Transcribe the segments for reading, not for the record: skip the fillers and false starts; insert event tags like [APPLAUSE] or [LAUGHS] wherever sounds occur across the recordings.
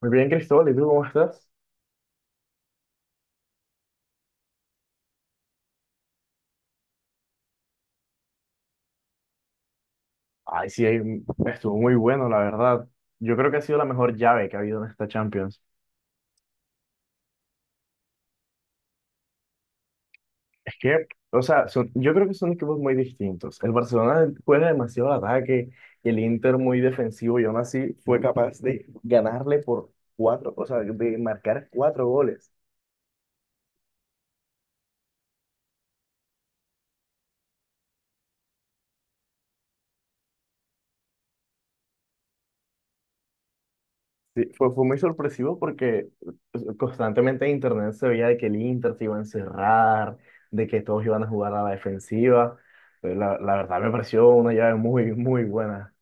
Muy bien, Cristóbal, ¿y tú cómo estás? Ay, sí, ahí estuvo muy bueno, la verdad. Yo creo que ha sido la mejor llave que ha habido en esta Champions. Es que, o sea, yo creo que son equipos muy distintos. El Barcelona juega demasiado al ataque, y el Inter muy defensivo y aún así fue capaz de ganarle por cuatro, o sea, de marcar cuatro goles. Sí, fue muy sorpresivo porque pues, constantemente en internet se veía de que el Inter se iba a encerrar, de que todos iban a jugar a la defensiva. La verdad me pareció una llave muy, muy buena.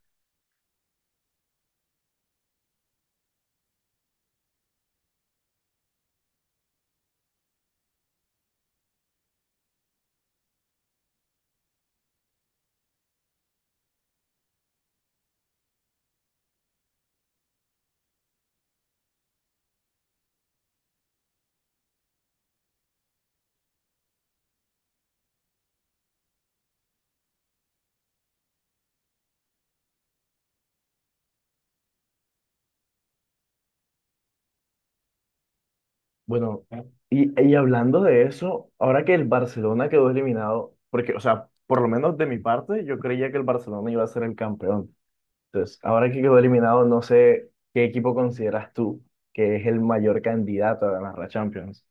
Bueno, y hablando de eso, ahora que el Barcelona quedó eliminado, porque, o sea, por lo menos de mi parte, yo creía que el Barcelona iba a ser el campeón. Entonces, ahora que quedó eliminado, no sé qué equipo consideras tú que es el mayor candidato a ganar la Champions.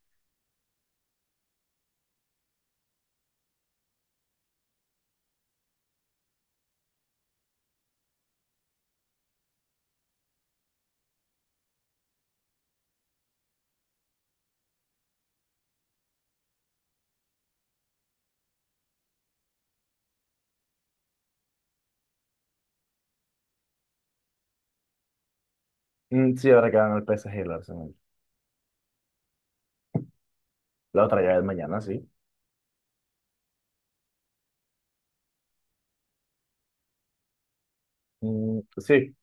Mm, sí, ahora que gana el PSG, el Arsenal. La otra ya es mañana, sí. Mm, sí,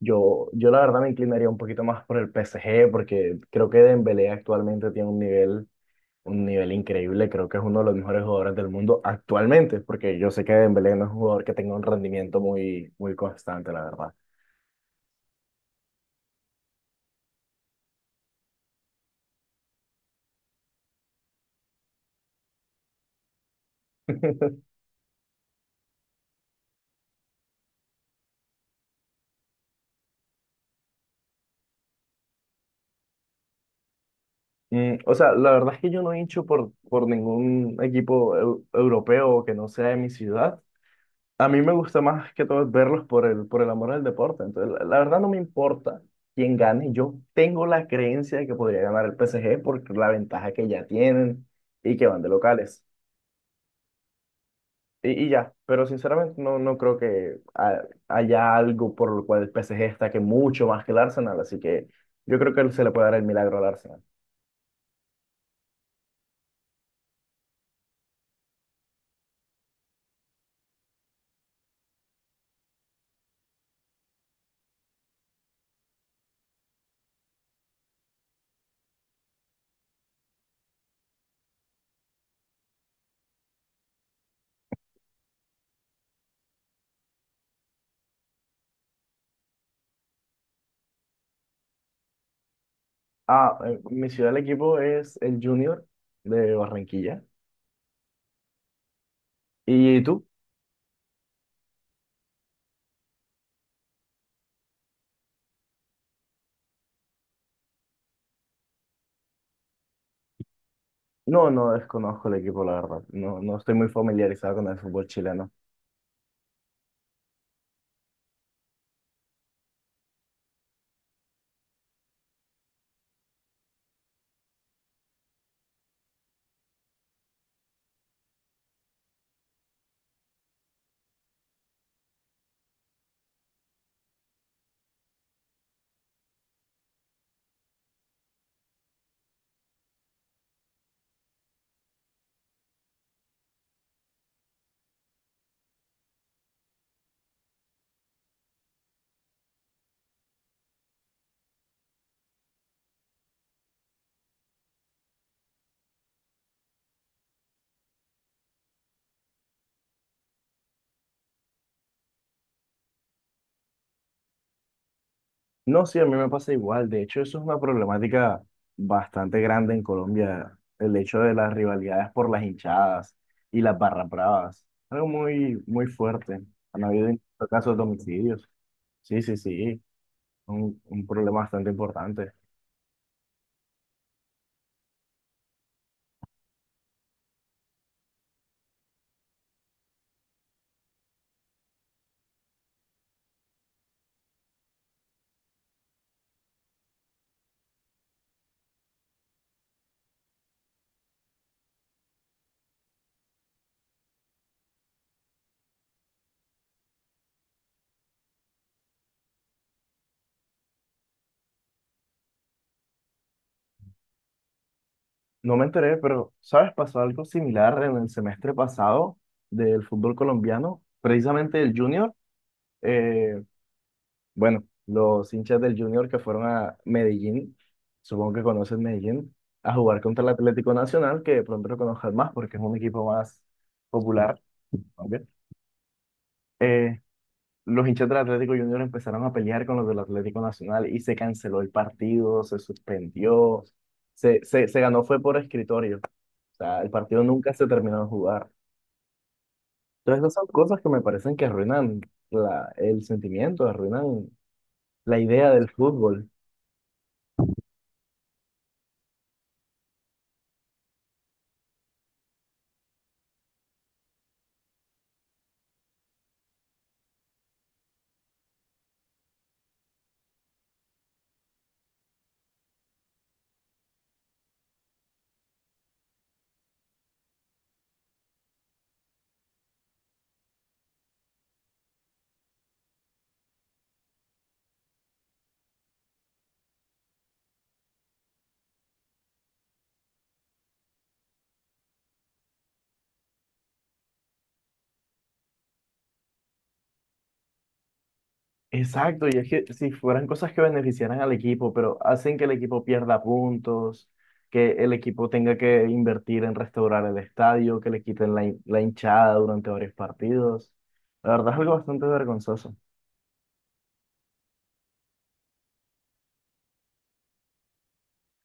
yo la verdad me inclinaría un poquito más por el P S G porque creo que Dembélé actualmente tiene un nivel increíble. Creo que es uno de los mejores jugadores del mundo actualmente, porque yo sé que Dembélé no es un jugador que tenga un rendimiento muy, muy constante, la verdad. [LAUGHS] O sea, la verdad es que yo no hincho por ningún equipo europeo que no sea de mi ciudad. A mí me gusta más que todo verlos por por el amor al deporte. Entonces, la verdad no me importa quién gane. Yo tengo la creencia de que podría ganar el PSG por la ventaja que ya tienen y que van de locales. Y ya, pero sinceramente no, no creo que haya algo por lo cual el PSG destaque mucho más que el Arsenal. Así que yo creo que se le puede dar el milagro al Arsenal. Ah, mi ciudad, el equipo es el Junior de Barranquilla. ¿Y tú? No, no desconozco el equipo, la verdad. No, no estoy muy familiarizado con el fútbol chileno. No, sí, a mí me pasa igual. De hecho, eso es una problemática bastante grande en Colombia, el hecho de las rivalidades por las hinchadas y las barras bravas. Algo muy, muy fuerte. Han habido incluso casos de homicidios. Sí, sí, sí. Un problema bastante importante. No me enteré, pero, ¿sabes? Pasó algo similar en el semestre pasado del fútbol colombiano. Precisamente el Junior. eh, Bueno, los hinchas del Junior que fueron a Medellín, supongo que conocen Medellín, a jugar contra el Atlético Nacional, que de pronto lo conozcan más porque es un equipo más popular. ¿Ok? Eh, los hinchas del Atlético Junior empezaron a pelear con los del Atlético Nacional y se canceló el partido, se suspendió, se ganó fue por escritorio. O sea, el partido nunca se terminó de jugar. Entonces, esas son cosas que me parecen que arruinan el sentimiento, arruinan la idea del fútbol. Exacto, y es que si fueran cosas que beneficiaran al equipo, pero hacen que el equipo pierda puntos, que el equipo tenga que invertir en restaurar el estadio, que le quiten la hinchada durante varios partidos. La verdad es algo bastante vergonzoso.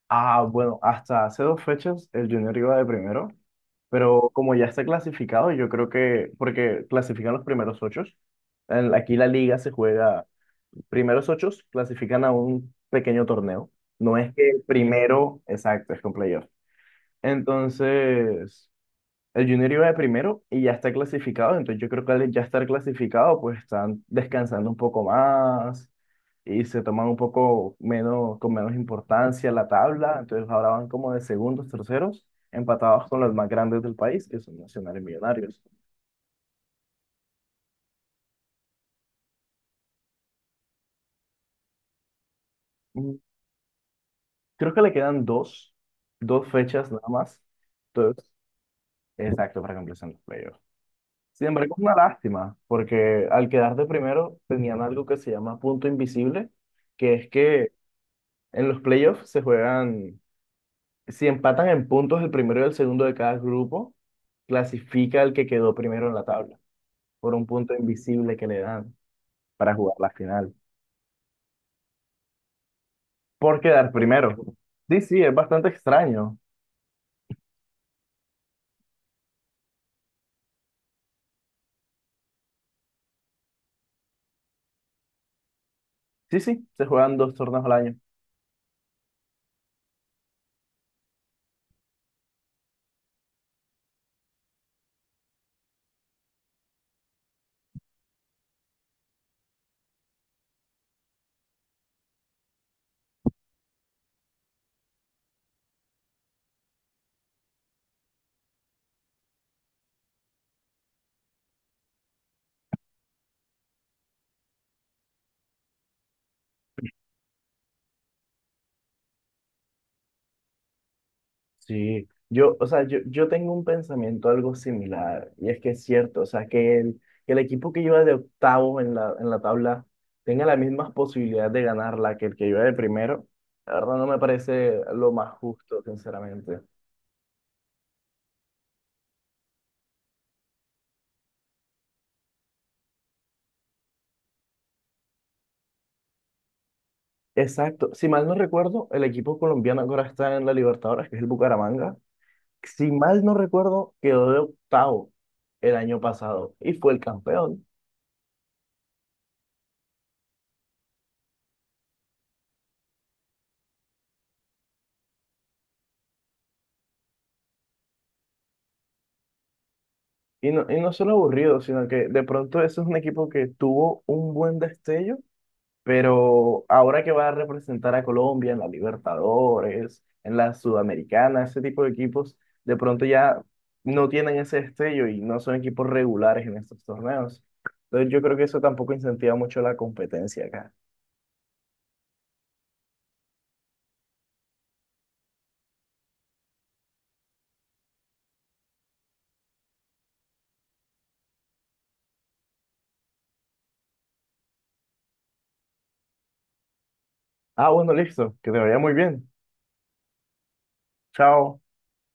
Ah, bueno, hasta hace dos fechas el Junior iba de primero, pero como ya está clasificado, yo creo que, porque clasifican los primeros ocho, aquí la liga se juega primeros ocho clasifican a un pequeño torneo. No es que el primero, exacto, es con playoff. Entonces, el Junior iba de primero y ya está clasificado. Entonces, yo creo que al ya estar clasificado, pues están descansando un poco más y se toman un poco menos, con menos importancia la tabla. Entonces, ahora van como de segundos, terceros, empatados con los más grandes del país, que son Nacional y Millonarios. Mm, Creo que le quedan dos fechas nada más. Entonces, exacto, para que empiecen los playoffs. Sin embargo, es una lástima, porque al quedar de primero tenían algo que se llama punto invisible, que es que en los playoffs se juegan, si empatan en puntos el primero y el segundo de cada grupo, clasifica el que quedó primero en la tabla, por un punto invisible que le dan para jugar la final, por quedar primero. Sí, sí, es bastante extraño. Sí, sí, se juegan dos torneos al año. Sí, yo, o sea, yo tengo un pensamiento algo similar, y es que es cierto, o sea, que el equipo que lleva de octavo en en la tabla tenga las mismas posibilidades de ganarla que el que lleva de primero, la verdad no me parece lo más justo, sinceramente. Exacto, si mal no recuerdo, el equipo colombiano que ahora está en la Libertadores, que es el Bucaramanga, si mal no recuerdo, quedó de octavo el año pasado y fue el campeón. Y no solo aburrido, sino que de pronto ese es un equipo que tuvo un buen destello, pero ahora que va a representar a Colombia en la Libertadores, en la Sudamericana, ese tipo de equipos, de pronto ya no tienen ese destello y no son equipos regulares en estos torneos. Entonces yo creo que eso tampoco incentiva mucho la competencia acá. Ah, bueno, listo, que te vaya muy bien. Chao.